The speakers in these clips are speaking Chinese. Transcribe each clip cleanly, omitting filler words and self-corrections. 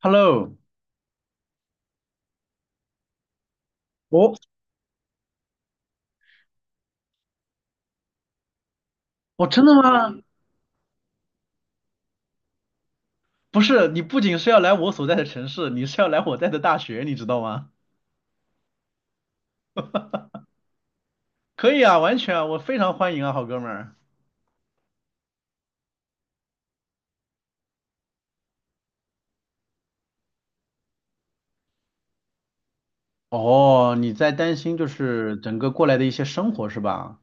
Hello，我我真的吗？不是，你不仅是要来我所在的城市，你是要来我在的大学，你知道吗？可以啊，完全啊，我非常欢迎啊，好哥们儿。哦，你在担心就是整个过来的一些生活是吧？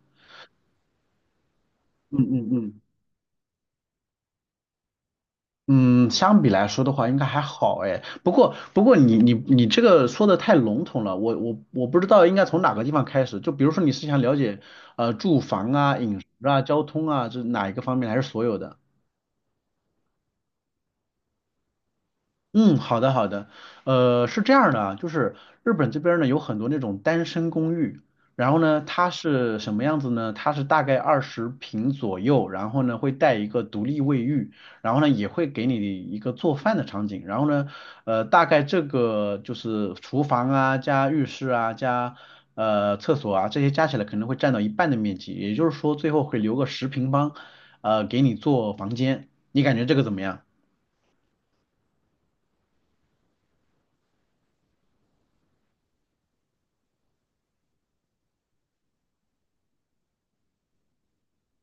嗯嗯嗯。嗯，相比来说的话，应该还好哎。不过你这个说的太笼统了，我不知道应该从哪个地方开始。就比如说你是想了解住房啊、饮食啊、交通啊，这哪一个方面，还是所有的？嗯，好的好的，是这样的啊，就是日本这边儿呢有很多那种单身公寓，然后呢它是什么样子呢？它是大概20平左右，然后呢会带一个独立卫浴，然后呢也会给你一个做饭的场景，然后呢，大概这个就是厨房啊加浴室啊加厕所啊这些加起来可能会占到一半的面积，也就是说最后会留个10平方，给你做房间，你感觉这个怎么样？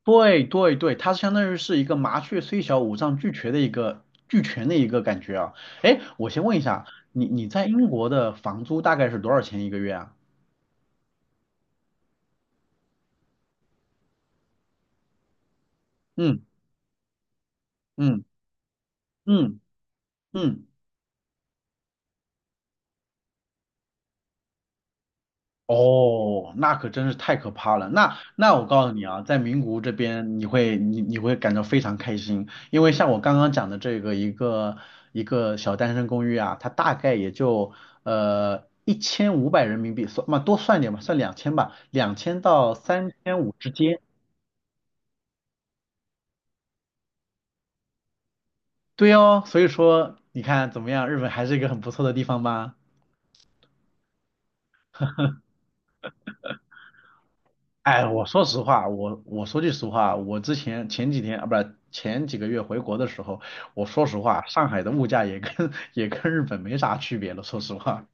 对对对，它相当于是一个麻雀虽小，五脏俱全的一个感觉啊。哎，我先问一下，你在英国的房租大概是多少钱一个月啊？嗯嗯嗯嗯。哦，那可真是太可怕了。那我告诉你啊，在名古屋这边，你会感到非常开心，因为像我刚刚讲的这个一个小单身公寓啊，它大概也就1500人民币，算嘛多算点吧，算两千吧，2000到3500之间。对哦，所以说你看怎么样，日本还是一个很不错的地方吧。哎，我说实话，我说句实话，我之前前几天啊，不是前几个月回国的时候，我说实话，上海的物价也跟 也跟日本没啥区别了。说实话，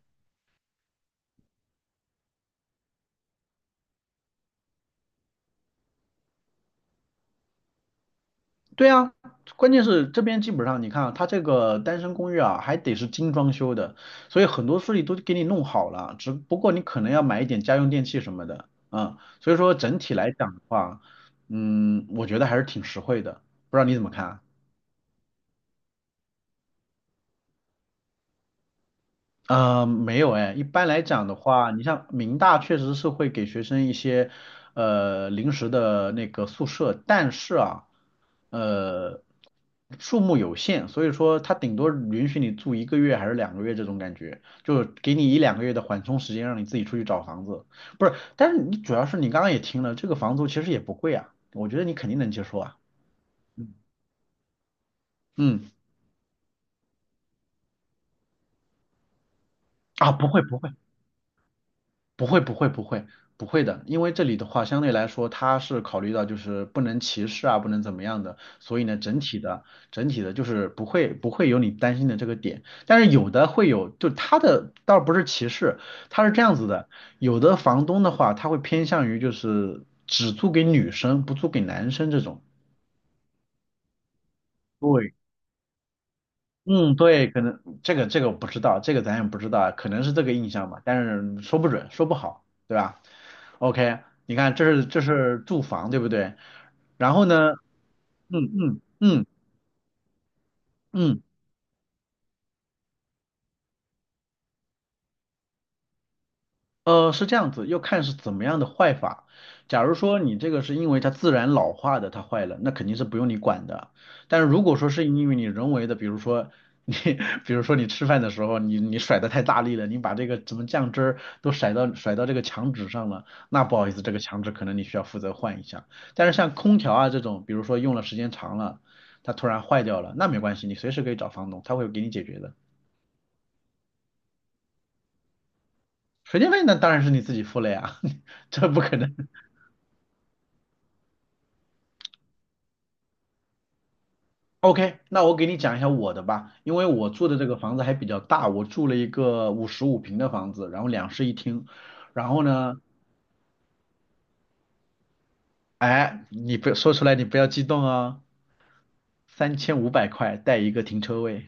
对啊，关键是这边基本上你看啊，它这个单身公寓啊，还得是精装修的，所以很多东西都给你弄好了，只不过你可能要买一点家用电器什么的，所以说整体来讲的话，我觉得还是挺实惠的，不知道你怎么看啊？没有哎，一般来讲的话，你像民大确实是会给学生一些临时的那个宿舍，但是啊，呃，数目有限，所以说它顶多允许你住一个月还是两个月这种感觉，就给你一两个月的缓冲时间，让你自己出去找房子。不是，但是你主要是你刚刚也听了，这个房租其实也不贵啊，我觉得你肯定能接受啊。嗯嗯啊，不会不会。不会，不会，不会，不会的，因为这里的话，相对来说，它是考虑到就是不能歧视啊，不能怎么样的，所以呢，整体的就是不会有你担心的这个点，但是有的会有，就它的倒不是歧视，它是这样子的，有的房东的话，他会偏向于就是只租给女生，不租给男生这种。对。嗯，对，可能这个我不知道，这个咱也不知道，可能是这个印象吧，但是说不准，说不好，对吧？OK,你看这是住房，对不对？然后呢，嗯嗯嗯嗯，是这样子，要看是怎么样的坏法。假如说你这个是因为它自然老化的，它坏了，那肯定是不用你管的。但是如果说是因为你人为的，比如说你，比如说你吃饭的时候，你甩的太大力了，你把这个什么酱汁儿都甩到这个墙纸上了，那不好意思，这个墙纸可能你需要负责换一下。但是像空调啊这种，比如说用了时间长了，它突然坏掉了，那没关系，你随时可以找房东，他会给你解决的。水电费那当然是你自己付了呀，这不可能。OK,那我给你讲一下我的吧，因为我住的这个房子还比较大，我住了一个55平的房子，然后两室一厅，然后呢，你不说出来，你不要激动啊，3500块带一个停车位，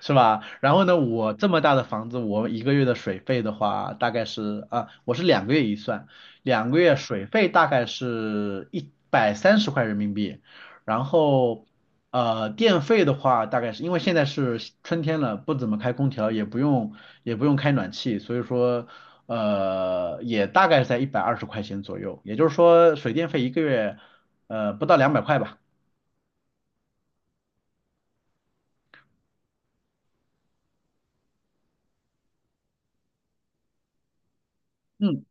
是吧？然后呢，我这么大的房子，我一个月的水费的话，大概是啊，我是两个月一算，两个月水费大概是130块人民币，然后电费的话，大概是因为现在是春天了，不怎么开空调，也不用开暖气，所以说也大概在120块钱左右，也就是说水电费一个月不到两百块吧。嗯，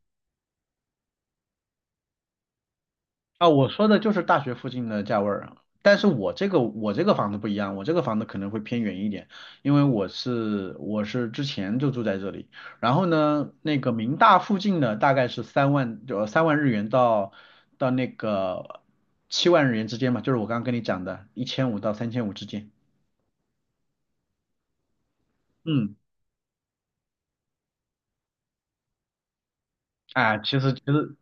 啊，我说的就是大学附近的价位儿啊，但是我这个房子不一样，我这个房子可能会偏远一点，因为我是之前就住在这里，然后呢，那个民大附近的大概是三万日元到那个7万日元之间嘛，就是我刚刚跟你讲的，1500到3500之间。嗯，啊，其实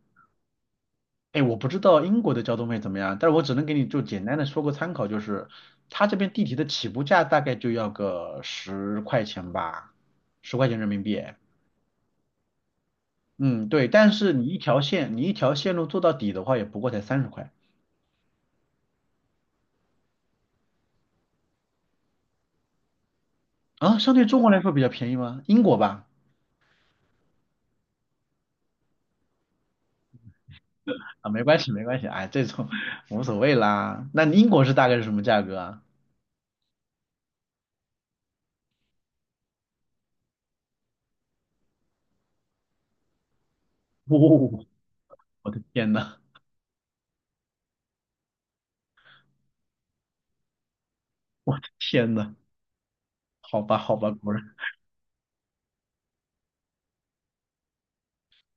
哎，我不知道英国的交通费怎么样，但是我只能给你就简单的说个参考，就是它这边地铁的起步价大概就要个十块钱吧，十块钱人民币。嗯，对，但是你一条线路做到底的话，也不过才三十块啊，相对中国来说比较便宜吗？英国吧，啊，没关系，没关系，哎，这种无所谓啦。那英国是大概是什么价格啊？哦，我的天呐，天呐，好吧，好吧，果然。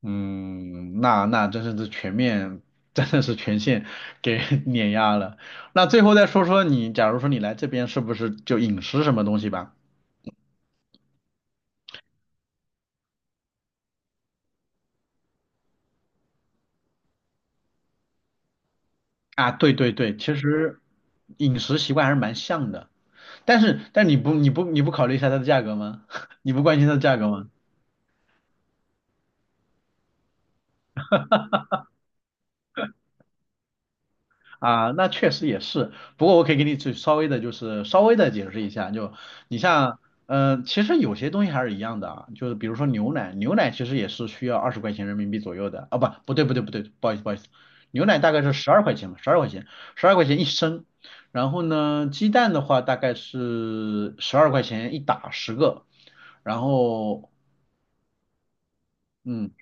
嗯，那真是这全面，真的是全线给 碾压了。那最后再说说你，假如说你来这边是不是就饮食什么东西吧？啊，对对对，其实饮食习惯还是蛮像的，但你不考虑一下它的价格吗？你不关心它的价格吗？啊，那确实也是。不过我可以给你只稍微的，就是稍微的解释一下。就你像，其实有些东西还是一样的啊。就是比如说牛奶其实也是需要二十块钱人民币左右的。啊，不，不对，不对，不对，不好意思，不好意思，牛奶大概是十二块钱嘛，十二块钱，12块一升。然后呢，鸡蛋的话大概是十二块钱一打10个。然后，嗯，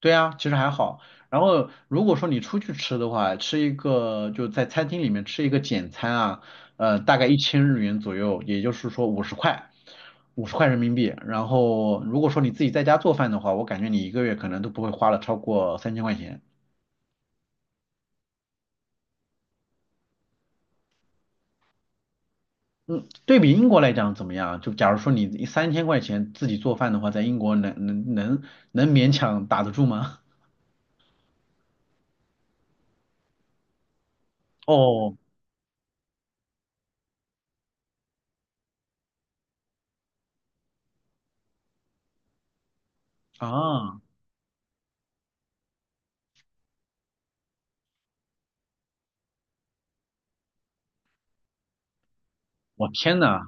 对啊，其实还好。然后如果说你出去吃的话，吃一个就在餐厅里面吃一个简餐啊，大概1000日元左右，也就是说五十块，50块人民币。然后如果说你自己在家做饭的话，我感觉你一个月可能都不会花了超过三千块钱。嗯，对比英国来讲怎么样？就假如说你三千块钱自己做饭的话，在英国能勉强打得住吗？哦 啊，我天呐！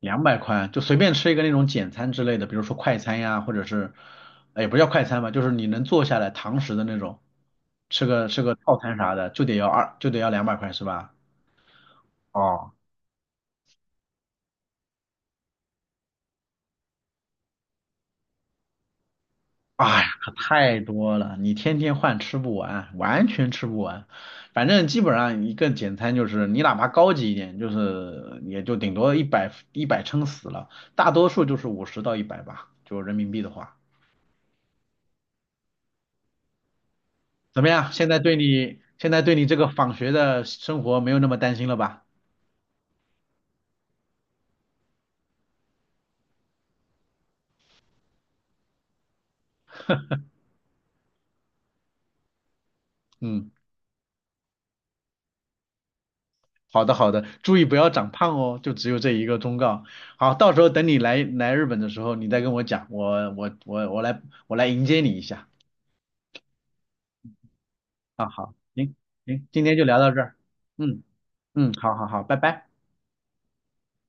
两百块就随便吃一个那种简餐之类的，比如说快餐呀，或者是，哎，也不叫快餐吧，就是你能坐下来堂食的那种，吃个套餐啥的，就得要两百块是吧？哦，哎呀，可太多了，你天天换吃不完，完全吃不完。反正基本上一个简餐就是你哪怕高级一点，就是也就顶多一百撑死了，大多数就是50到100吧，就人民币的话。怎么样？现在对你这个访学的生活没有那么担心了吧？嗯，好的好的，注意不要长胖哦，就只有这一个忠告。好，到时候等你来日本的时候，你再跟我讲，我来迎接你一下啊。好，行行，今天就聊到这儿。嗯嗯，好好好，拜拜。